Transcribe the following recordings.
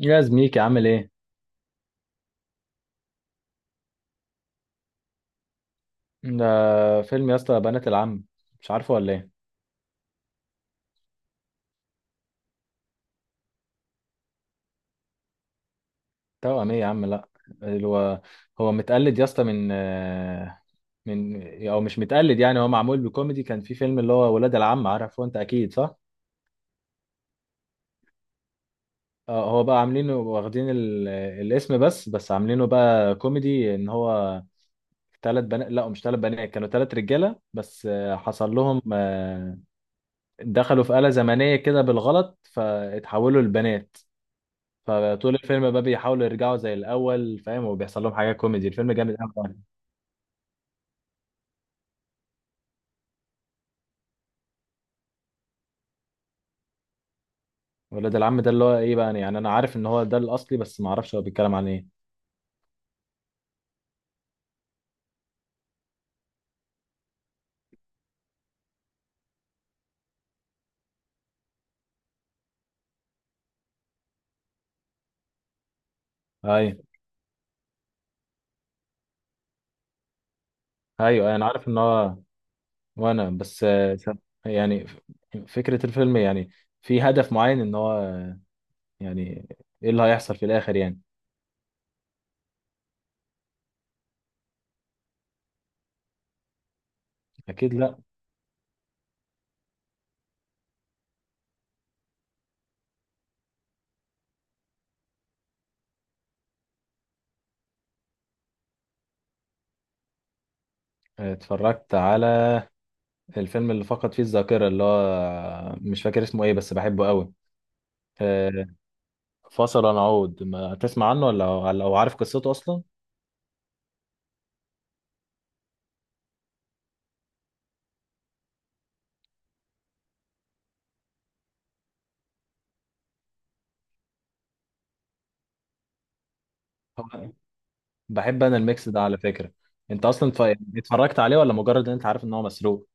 يا زميكي، عامل ايه؟ ده فيلم يا اسطى، بنات العم، مش عارفه ولا ايه؟ توأم ايه يا عم؟ لا. هو هو متقلد يا اسطى، من من او مش متقلد. يعني هو معمول بكوميدي، كان في فيلم اللي هو ولاد العم، عارفه انت اكيد، صح؟ هو بقى عاملينه، واخدين الاسم، بس عاملينه بقى كوميدي ان هو 3 بنات. لا، مش 3 بنات، كانوا 3 رجاله. بس حصل لهم دخلوا في آلة زمنيه كده بالغلط، فاتحولوا لبنات. فطول الفيلم بقى بيحاولوا يرجعوا زي الاول، فاهم، وبيحصل لهم حاجه كوميدي. الفيلم جامد قوي يعني. ولاد العم ده اللي هو ايه بقى يعني؟ انا عارف ان هو ده الاصلي، بس ما اعرفش هو بيتكلم عن ايه. ايوه. ايوه انا عارف ان هو. وانا بس يعني فكره الفيلم، يعني في هدف معين ان هو، يعني ايه اللي هيحصل في الاخر يعني؟ اكيد لا. اتفرجت على الفيلم اللي فقد فيه الذاكره، اللي هو مش فاكر اسمه ايه، بس بحبه قوي. آه، فصل ونعود ما تسمع عنه ولا او عارف قصته اصلا؟ بحب انا الميكس ده على فكره. انت اصلا اتفرجت عليه، ولا مجرد ان انت عارف ان هو مسروق؟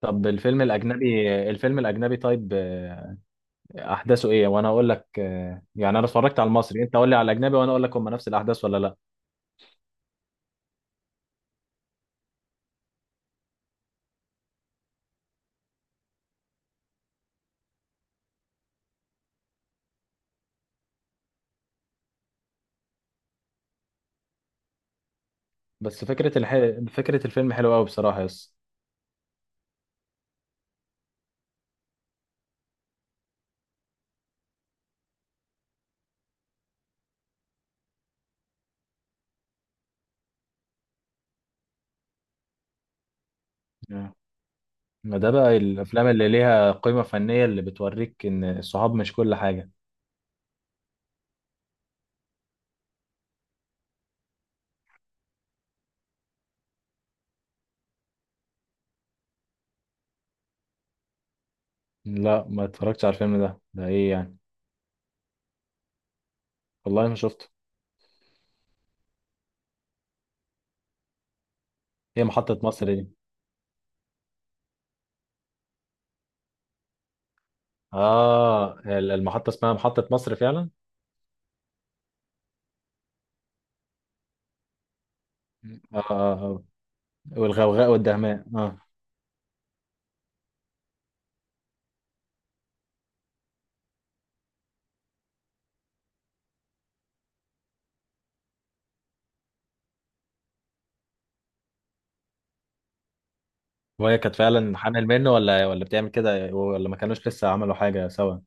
طب الفيلم الاجنبي، طيب، احداثه ايه؟ وانا اقول لك. يعني انا اتفرجت على المصري، انت قول لي على الاجنبي وانا اقول لك هم نفس الاحداث ولا لا. بس فكره الفيلم حلوه قوي بصراحه. يس. آه. ما ده بقى الافلام اللي ليها قيمه فنيه، اللي بتوريك ان الصحاب مش كل حاجه. لا، ما اتفرجتش على الفيلم ده. ده ايه يعني؟ والله ما شفته. هي محطه مصر دي؟ اه، المحطه اسمها محطه مصر فعلا. اه. آه. والغوغاء والدهماء، اه. وهي كانت فعلا حامل منه، ولا بتعمل كده، ولا ما كانوش لسه عملوا حاجه سوا؟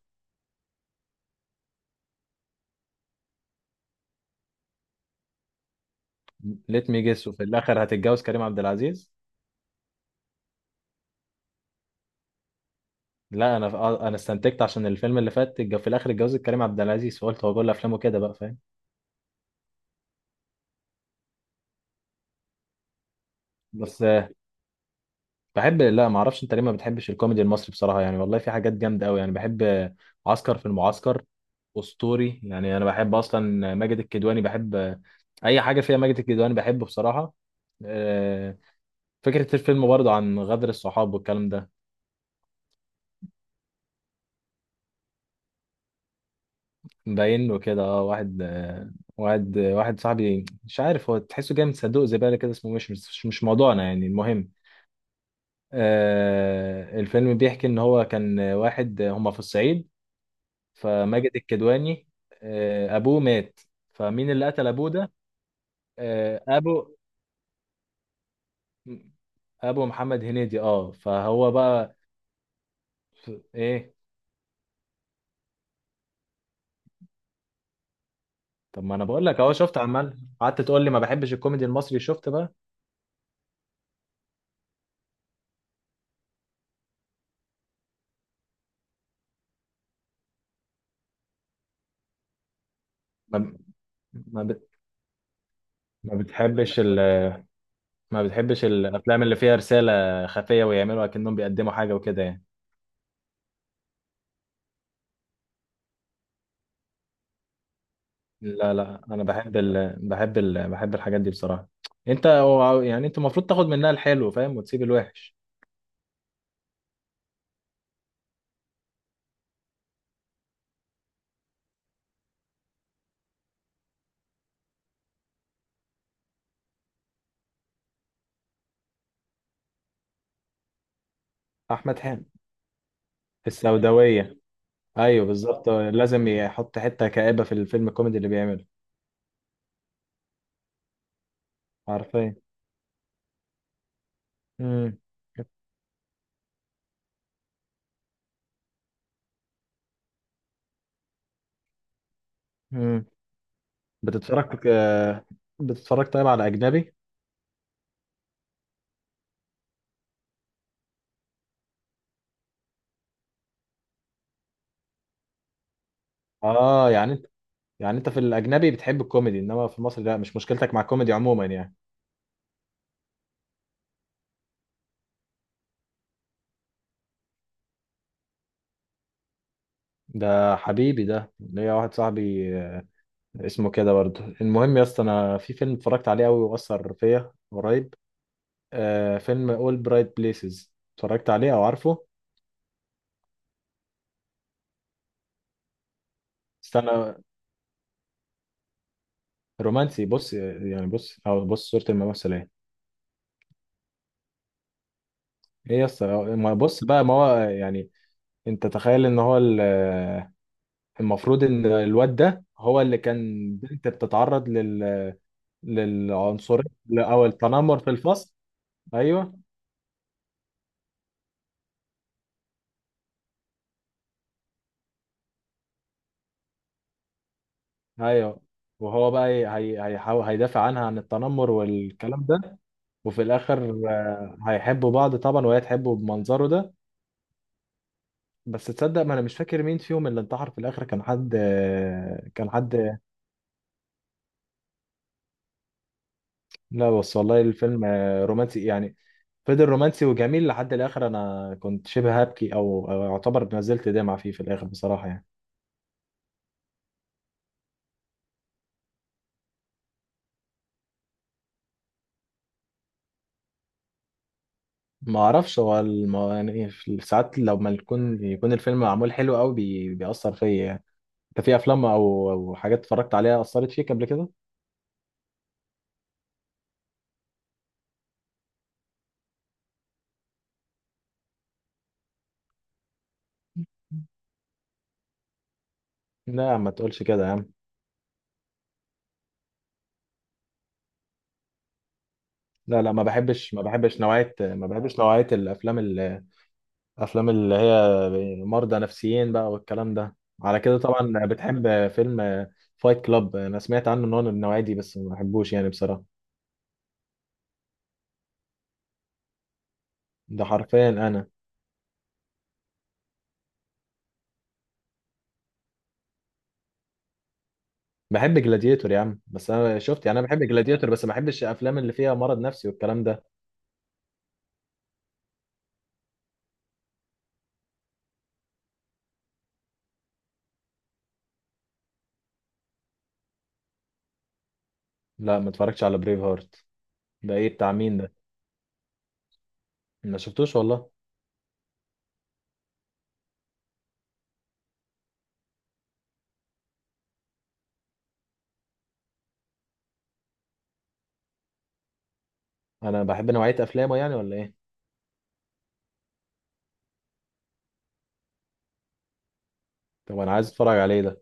ليت مي جيس، وفي الاخر هتتجوز كريم عبد العزيز. لا انا، انا استنتجت عشان الفيلم اللي فات في الاخر اتجوزت كريم عبد العزيز، فقلت هو كل افلامه كده بقى، فاهم؟ بس بحب. لا، ما اعرفش انت ليه ما بتحبش الكوميدي المصري بصراحه، يعني والله في حاجات جامده قوي يعني. بحب عسكر في المعسكر، اسطوري يعني. انا بحب اصلا ماجد الكدواني، بحب اي حاجه فيها ماجد الكدواني بحبه بصراحه. آه، فكرة الفيلم برضه عن غدر الصحاب والكلام ده. باين له كده. اه واحد واحد صاحبي، مش عارف، هو تحسه جاي من صندوق زبالة كده. اسمه مش موضوعنا يعني. المهم آه، الفيلم بيحكي ان هو كان واحد، هما في الصعيد. فماجد الكدواني آه، ابوه مات. فمين اللي قتل ابوه ده؟ آه، ابو محمد هنيدي، اه، فهو بقى ايه؟ طب ما انا بقول لك اهو، شفت؟ عمال قعدت تقول لي ما بحبش الكوميدي المصري، شفت بقى؟ ما ما ما بتحبش ما بتحبش الافلام اللي فيها رساله خفيه، ويعملوا اكنهم بيقدموا حاجه وكده يعني؟ لا لا، انا بحب الحاجات دي بصراحه. انت يعني انت المفروض تاخد منها الحلو، فاهم، وتسيب الوحش. احمد حلمي في السوداويه. ايوه بالظبط، لازم يحط حته كآبه في الفيلم الكوميدي اللي بيعمله. عارفين. امم. امم. بتتفرج بتتفرج طيب على اجنبي؟ اه يعني انت، يعني انت في الاجنبي بتحب الكوميدي، انما في مصر لا؟ مش مشكلتك مع الكوميدي عموما يعني؟ ده حبيبي، ده ليا واحد صاحبي اسمه كده برضه. المهم يا اسطى، انا في فيلم اتفرجت عليه قوي واثر فيا قريب. آه، فيلم اول برايت بليسز، اتفرجت عليه او عارفه؟ استنى. رومانسي. بص يعني، بص او بص صورة الممثل. ايه؟ ايه يا اسطى؟ ما بص بقى، ما هو يعني، انت تخيل ان هو المفروض ان الواد ده هو اللي كان بنت بتتعرض للعنصرية او التنمر في الفصل. ايوه، ايوه. وهو بقى هيحاول هيدافع عنها عن التنمر والكلام ده. وفي الاخر هيحبوا بعض طبعا، وهي تحبه بمنظره ده. بس تصدق، ما انا مش فاكر مين فيهم اللي انتحر في الاخر. كان حد. لا بس والله الفيلم رومانسي يعني، فضل رومانسي وجميل لحد الاخر. انا كنت شبه هبكي، او اعتبر نزلت دمعة فيه في الاخر بصراحة يعني. ما اعرفش، هو يعني في ساعات لما يكون الفيلم معمول حلو قوي، بيأثر فيا يعني. انت في افلام او حاجات اتفرجت عليها اثرت فيك قبل كده؟ لا ما تقولش كده يا عم. لا لا، ما بحبش نوعية الافلام الافلام اللي هي مرضى نفسيين بقى والكلام ده. على كده طبعا بتحب فيلم فايت كلاب. انا سمعت عنه ان هو من النوعية دي بس ما بحبوش يعني بصراحة. ده حرفيا انا. بحب جلاديتور يا عم، بس انا شفت، يعني انا بحب جلاديتور بس ما بحبش الافلام اللي فيها مرض نفسي والكلام ده. لا ما اتفرجتش على بريف هارت. ده ايه؟ بتاع مين ده؟ ما شفتوش والله. انا بحب نوعية افلامه يعني، ولا ايه؟ طب انا عايز اتفرج عليه ده.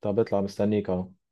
طب اطلع، مستنيك اهو.